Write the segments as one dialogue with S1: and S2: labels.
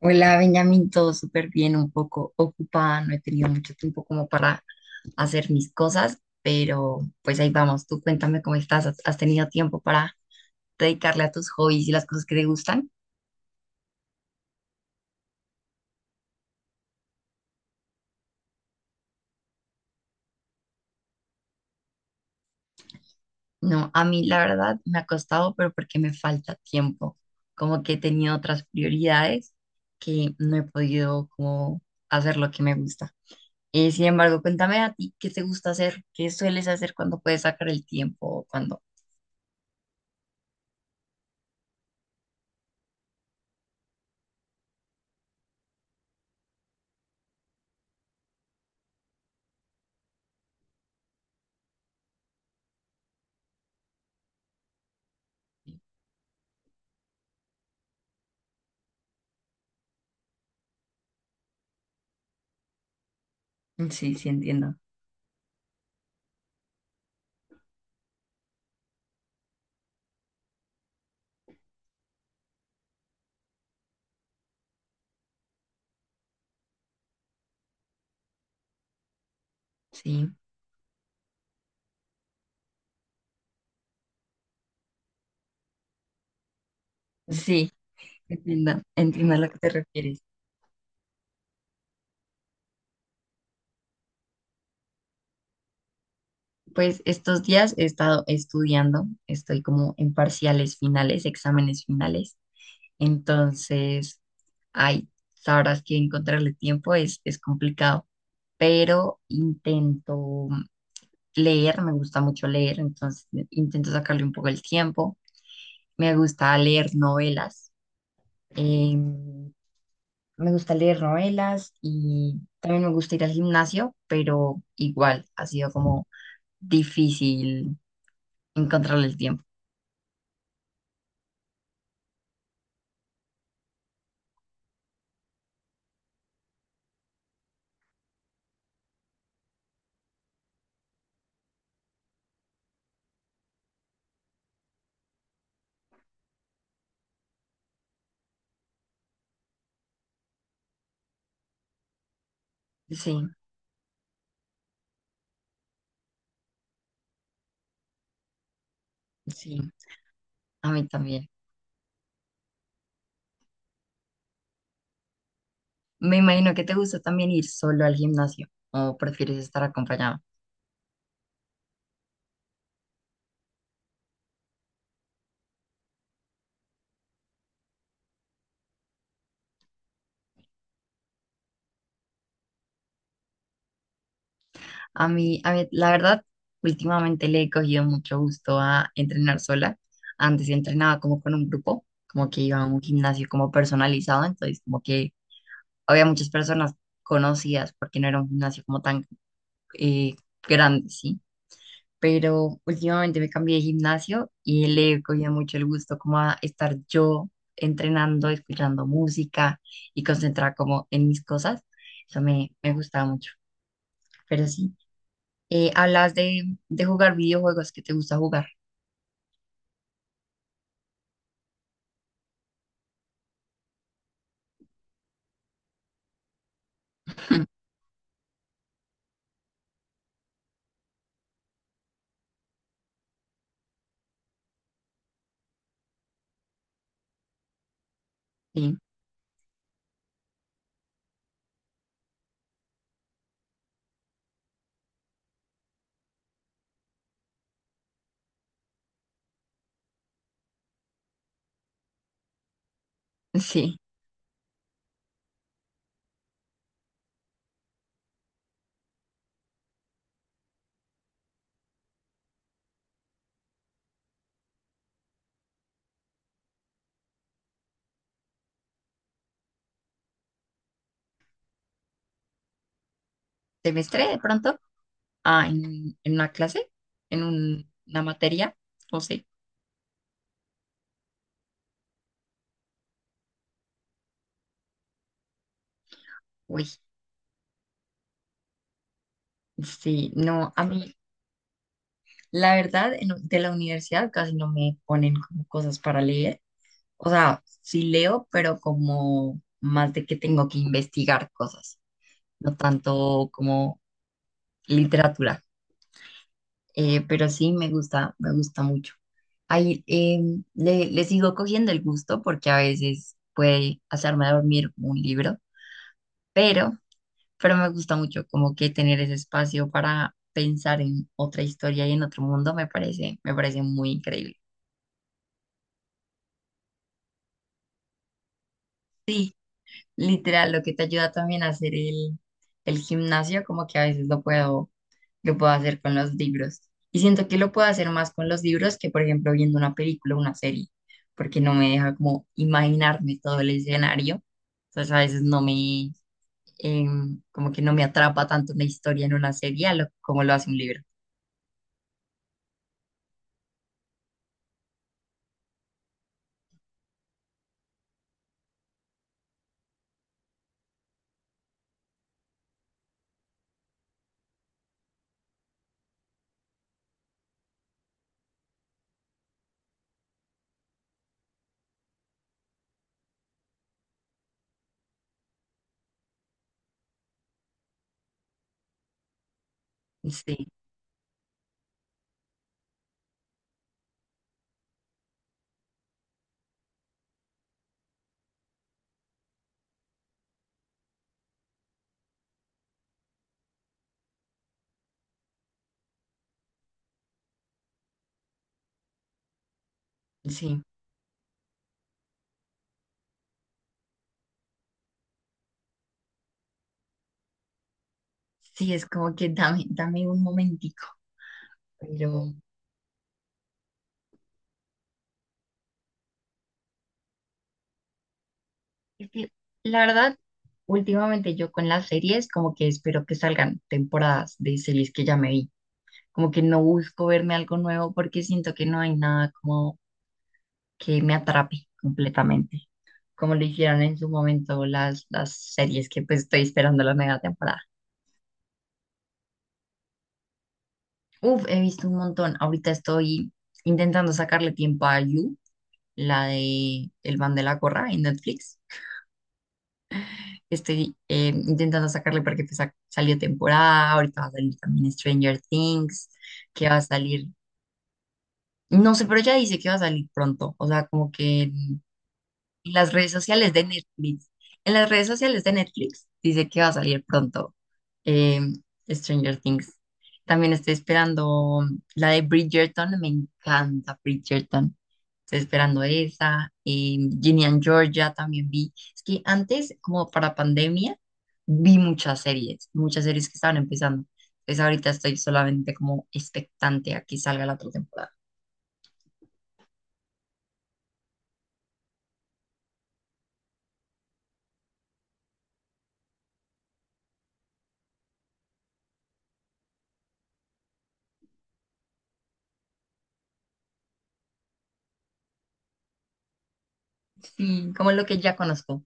S1: Hola, Benjamín, todo súper bien, un poco ocupada, no he tenido mucho tiempo como para hacer mis cosas, pero pues ahí vamos, tú cuéntame cómo estás, ¿has tenido tiempo para dedicarle a tus hobbies y las cosas que te gustan? No, a mí la verdad me ha costado, pero porque me falta tiempo, como que he tenido otras prioridades que no he podido como hacer lo que me gusta. Sin embargo, cuéntame a ti, ¿qué te gusta hacer? ¿Qué sueles hacer cuando puedes sacar el tiempo? ¿O cuando...? Sí, sí, entiendo, sí. Sí, entiendo, entiendo a lo que te refieres. Pues estos días he estado estudiando, estoy como en parciales finales, exámenes finales. Entonces, ay, sabrás que encontrarle tiempo es complicado, pero intento leer, me gusta mucho leer, entonces intento sacarle un poco el tiempo. Me gusta leer novelas, em, me gusta leer novelas y también me gusta ir al gimnasio, pero igual ha sido como difícil encontrarle el tiempo. Sí, sí, a mí también. Me imagino que te gusta también ir solo al gimnasio o prefieres estar acompañado. A mí, la verdad, últimamente le he cogido mucho gusto a entrenar sola. Antes entrenaba como con un grupo, como que iba a un gimnasio como personalizado, entonces como que había muchas personas conocidas porque no era un gimnasio como tan eh, grande, ¿sí? Pero últimamente me cambié de gimnasio y le cogía mucho el gusto como a estar yo entrenando, escuchando música y concentrada como en mis cosas. Eso me, me gustaba mucho. Pero sí, hablas de jugar videojuegos que te gusta jugar. Sí, sí. ¿Semestre de pronto? Ah, en una clase, una materia, no sé. Uy, sí, no, a mí, la verdad, de la universidad casi no me ponen como cosas para leer. O sea, sí leo, pero como más de que tengo que investigar cosas, no tanto como literatura. Pero sí me gusta mucho. Ahí le, le sigo cogiendo el gusto porque a veces puede hacerme dormir un libro, pero, pero me gusta mucho como que tener ese espacio para pensar en otra historia y en otro mundo me parece muy increíble. Sí, literal, lo que te ayuda también a hacer el gimnasio, como que a veces lo puedo que puedo hacer con los libros. Y siento que lo puedo hacer más con los libros que, por ejemplo, viendo una película o una serie, porque no me deja como imaginarme todo el escenario. Entonces a veces no me, como que no me atrapa tanto una historia en una serie como lo hace un libro. Sí, sí, sí, es como que dame, dame un momentico, pero es que, la verdad, últimamente yo con las series como que espero que salgan temporadas de series que ya me vi. Como que no busco verme algo nuevo porque siento que no hay nada como que me atrape completamente, como lo hicieron en su momento las series que pues estoy esperando la mega temporada. Uf, he visto un montón. Ahorita estoy intentando sacarle tiempo a You, la de El Van de la Corra en Netflix. Estoy intentando sacarle porque pues, salió temporada, ahorita va a salir también Stranger Things, que va a salir, no sé, pero ya dice que va a salir pronto, o sea, como que en las redes sociales de Netflix. En las redes sociales de Netflix dice que va a salir pronto eh, Stranger Things. También estoy esperando la de Bridgerton. Me encanta Bridgerton. Estoy esperando esa. Ginny and Georgia también vi. Es que antes, como para pandemia, vi muchas series que estaban empezando. Entonces ahorita estoy solamente como expectante a que salga la otra temporada. Sí, como lo que ya conozco.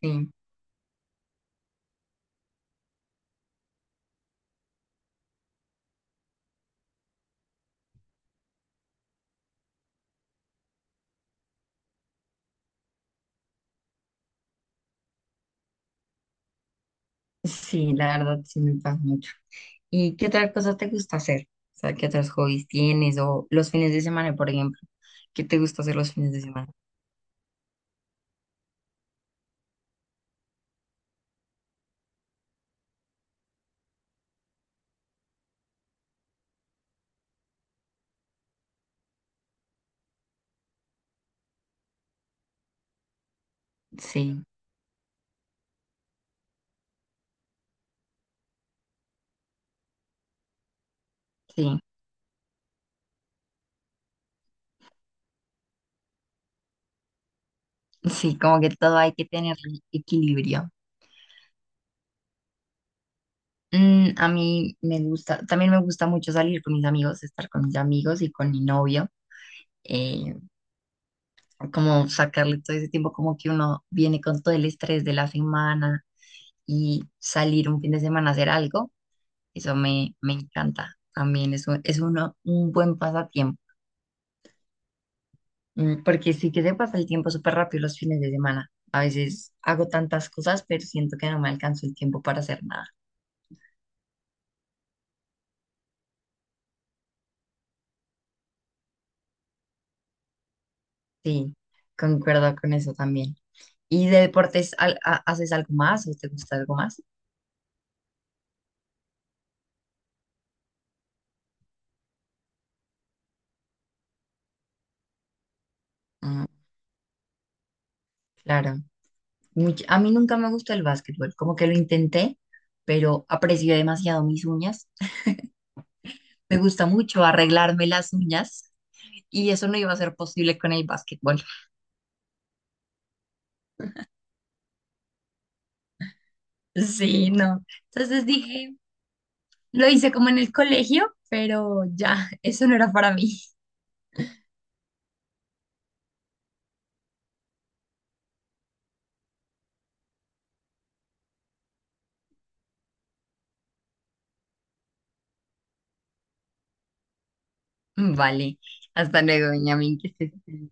S1: Sí, sí, la verdad sí me pasa mucho. ¿Y qué otra cosa te gusta hacer? O sea, ¿qué otros hobbies tienes? O los fines de semana, por ejemplo. ¿Qué te gusta hacer los fines de semana? Sí, sí, sí, como que todo hay que tener equilibrio. Mm, a mí me gusta, también me gusta mucho salir con mis amigos, estar con mis amigos y con mi novio. eh, Como sacarle todo ese tiempo, como que uno viene con todo el estrés de la semana y salir un fin de semana a hacer algo, eso me, me encanta también, es un, es uno, un buen pasatiempo. Mm, porque sí que se pasa el tiempo súper rápido los fines de semana. A veces hago tantas cosas, pero siento que no me alcanzo el tiempo para hacer nada. Sí, concuerdo con eso también. ¿Y de deportes haces algo más o te gusta algo más? Mm, claro. A mí nunca me gustó el básquetbol, como que lo intenté, pero aprecié demasiado mis uñas. Me gusta mucho arreglarme las uñas y eso no iba a ser posible con el básquetbol. Sí, no. Entonces dije, lo hice como en el colegio, pero ya, eso no era para mí. Vale, hasta luego, Benjamín, que estés bien.